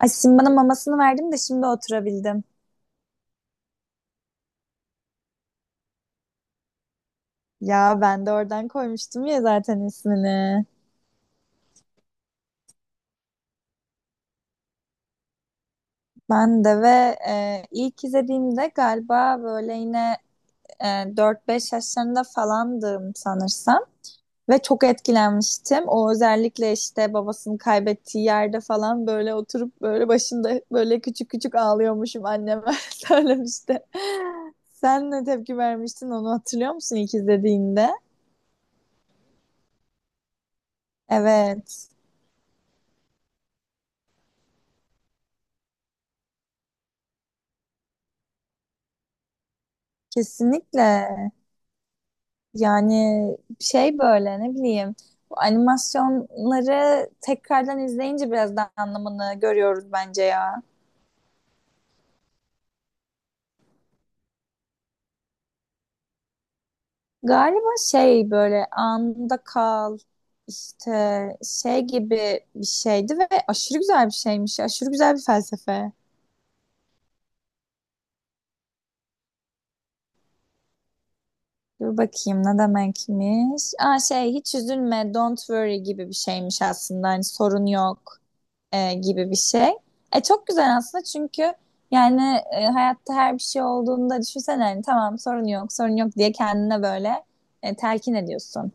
Ay şimdi bana mamasını verdim de şimdi oturabildim. Ya ben de oradan koymuştum ya zaten ismini. Ben de ve e, ilk izlediğimde galiba böyle yine e, 4-5 yaşlarında falandım sanırsam. Ve çok etkilenmiştim. O özellikle işte babasını kaybettiği yerde falan böyle oturup böyle başında böyle küçük küçük ağlıyormuşum anneme söylemişti. Sen ne tepki vermiştin, onu hatırlıyor musun ilk izlediğinde? Evet, kesinlikle. Yani şey böyle ne bileyim, bu animasyonları tekrardan izleyince biraz daha anlamını görüyoruz bence ya. Galiba şey böyle anında kal işte şey gibi bir şeydi ve aşırı güzel bir şeymiş. Aşırı güzel bir felsefe. Dur bakayım ne demekmiş. Aa şey hiç üzülme, don't worry gibi bir şeymiş aslında. Hani sorun yok gibi bir şey. E çok güzel aslında çünkü yani hayatta her bir şey olduğunda düşünsene hani tamam sorun yok sorun yok diye kendine böyle telkin ediyorsun.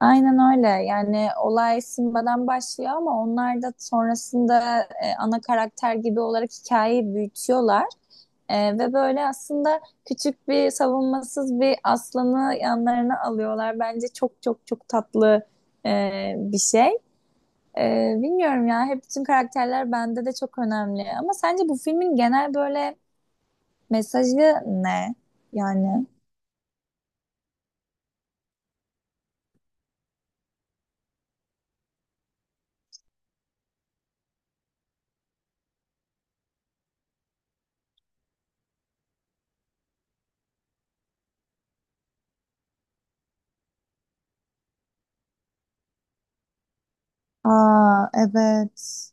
Aynen öyle, yani olay Simba'dan başlıyor ama onlar da sonrasında ana karakter gibi olarak hikayeyi büyütüyorlar. Ve böyle aslında küçük bir savunmasız bir aslanı yanlarına alıyorlar. Bence çok çok çok tatlı bir şey. Bilmiyorum ya, hep bütün karakterler bende de çok önemli. Ama sence bu filmin genel böyle mesajı ne? Yani. Aa evet.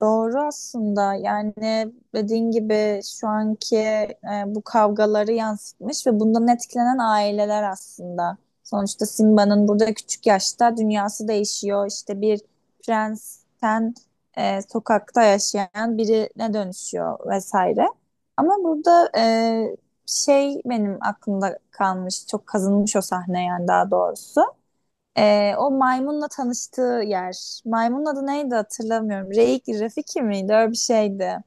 Doğru aslında, yani dediğin gibi şu anki bu kavgaları yansıtmış ve bundan etkilenen aileler aslında. Sonuçta Simba'nın burada küçük yaşta dünyası değişiyor. İşte bir prensten sokakta yaşayan birine dönüşüyor vesaire. Ama burada şey benim aklımda kalmış, çok kazınmış o sahne, yani daha doğrusu. O maymunla tanıştığı yer. Maymunun adı neydi hatırlamıyorum. Reik, Rafiki miydi? Öyle bir şeydi.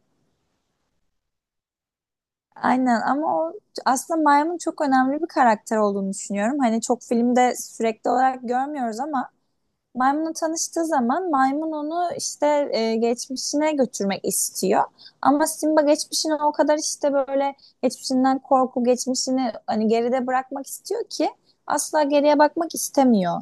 Aynen, ama o aslında maymun çok önemli bir karakter olduğunu düşünüyorum. Hani çok filmde sürekli olarak görmüyoruz ama maymunla tanıştığı zaman maymun onu işte geçmişine götürmek istiyor. Ama Simba geçmişine o kadar işte böyle geçmişinden korku, geçmişini hani geride bırakmak istiyor ki asla geriye bakmak istemiyor.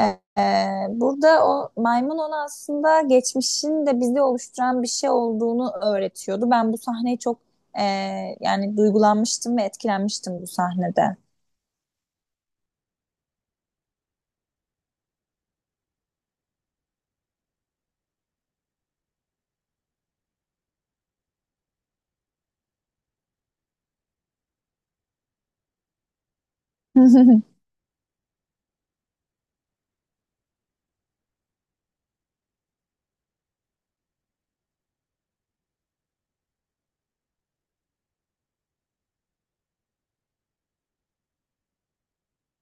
E, e, Burada o maymun ona aslında geçmişin de bizi oluşturan bir şey olduğunu öğretiyordu. Ben bu sahneyi çok e, yani duygulanmıştım ve etkilenmiştim bu sahnede.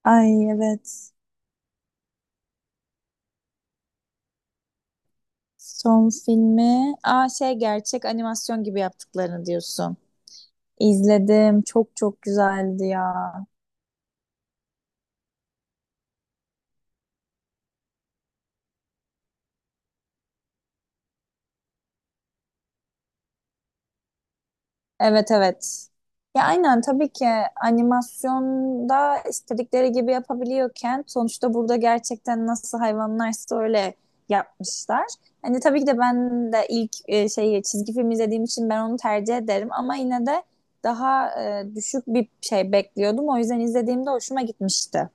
Ay evet. Son filmi. Aa şey gerçek animasyon gibi yaptıklarını diyorsun. İzledim. Çok çok güzeldi ya. Evet, evet. Ya aynen, tabii ki animasyonda istedikleri gibi yapabiliyorken sonuçta burada gerçekten nasıl hayvanlarsa öyle yapmışlar. Hani tabii ki de ben de ilk şeyi çizgi film izlediğim için ben onu tercih ederim ama yine de daha düşük bir şey bekliyordum. O yüzden izlediğimde hoşuma gitmişti.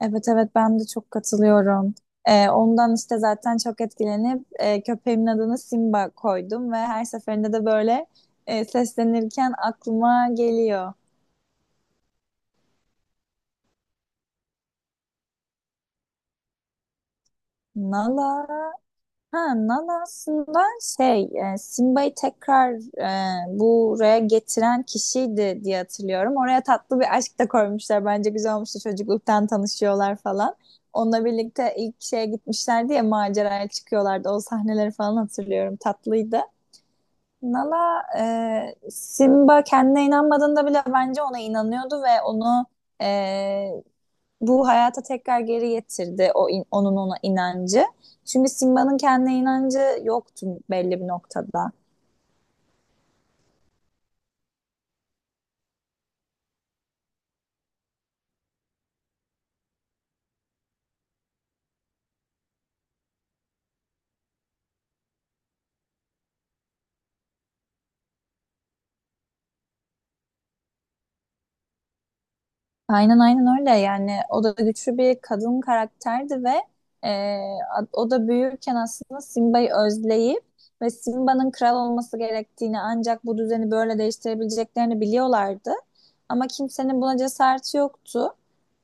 Evet evet, ben de çok katılıyorum. Ondan işte zaten çok etkilenip köpeğimin adını Simba koydum ve her seferinde de böyle seslenirken aklıma geliyor. Nala. Ha Nala aslında şey Simba'yı tekrar buraya getiren kişiydi diye hatırlıyorum. Oraya tatlı bir aşk da koymuşlar. Bence güzel olmuştu, çocukluktan tanışıyorlar falan. Onunla birlikte ilk şeye gitmişlerdi ya, maceraya çıkıyorlardı. O sahneleri falan hatırlıyorum. Tatlıydı. Nala Simba kendine inanmadığında bile bence ona inanıyordu ve onu e, bu hayata tekrar geri getirdi o onun ona inancı. Çünkü Simba'nın kendine inancı yoktu belli bir noktada. Aynen aynen öyle, yani o da güçlü bir kadın karakterdi ve e, o da büyürken aslında Simba'yı özleyip ve Simba'nın kral olması gerektiğini, ancak bu düzeni böyle değiştirebileceklerini biliyorlardı. Ama kimsenin buna cesareti yoktu.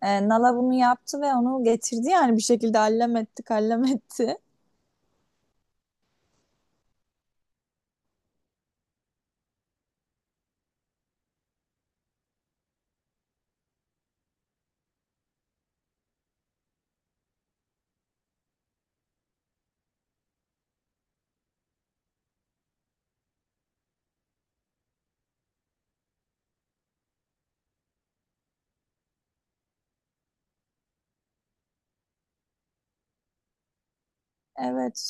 E, Nala bunu yaptı ve onu getirdi, yani bir şekilde allem etti kallem etti. Evet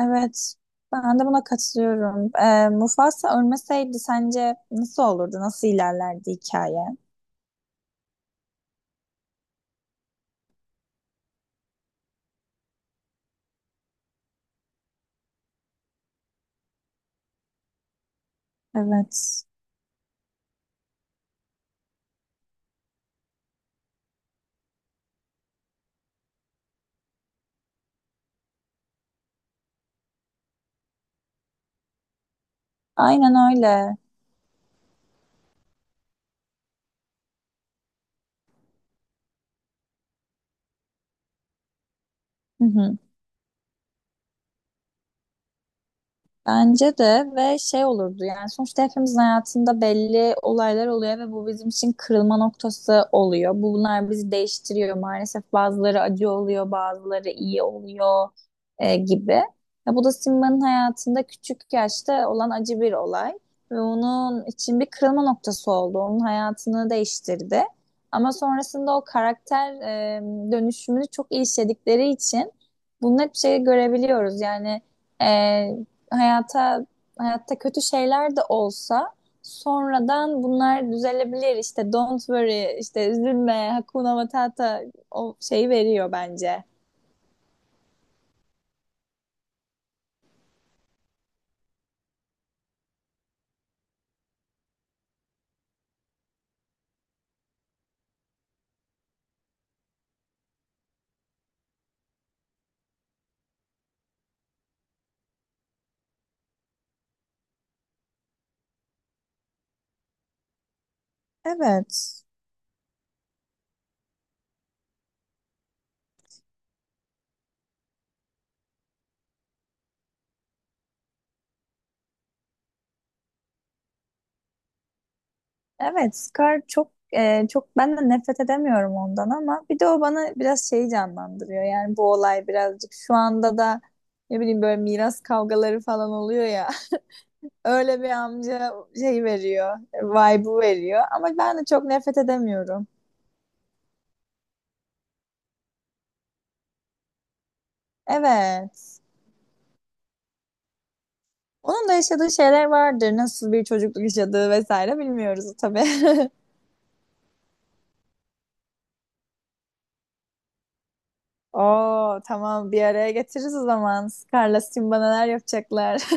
evet, ben de buna katılıyorum. E, Mufasa ölmeseydi sence nasıl olurdu, nasıl ilerlerdi hikaye? Evet. Aynen öyle. Hı hı. Bence de ve şey olurdu, yani sonuçta hepimizin hayatında belli olaylar oluyor ve bu bizim için kırılma noktası oluyor. Bunlar bizi değiştiriyor, maalesef bazıları acı oluyor bazıları iyi oluyor gibi. Ya bu da Simba'nın hayatında küçük yaşta olan acı bir olay ve onun için bir kırılma noktası oldu. Onun hayatını değiştirdi. Ama sonrasında o karakter e, dönüşümünü çok iyi işledikleri için bunu hep şey görebiliyoruz yani. e, hayata hayatta kötü şeyler de olsa sonradan bunlar düzelebilir. İşte don't worry, işte üzülme, hakuna matata o şeyi veriyor bence. Evet. Evet, Scar çok çok ben de nefret edemiyorum ondan, ama bir de o bana biraz şeyi canlandırıyor. Yani bu olay birazcık şu anda da ne bileyim böyle miras kavgaları falan oluyor ya. Öyle bir amca şey veriyor, vibe'ı veriyor, ama ben de çok nefret edemiyorum. Evet. Onun da yaşadığı şeyler vardır. Nasıl bir çocukluk yaşadığı vesaire bilmiyoruz tabii. Oo tamam, bir araya getiririz o zaman. Scar'la Simba neler yapacaklar.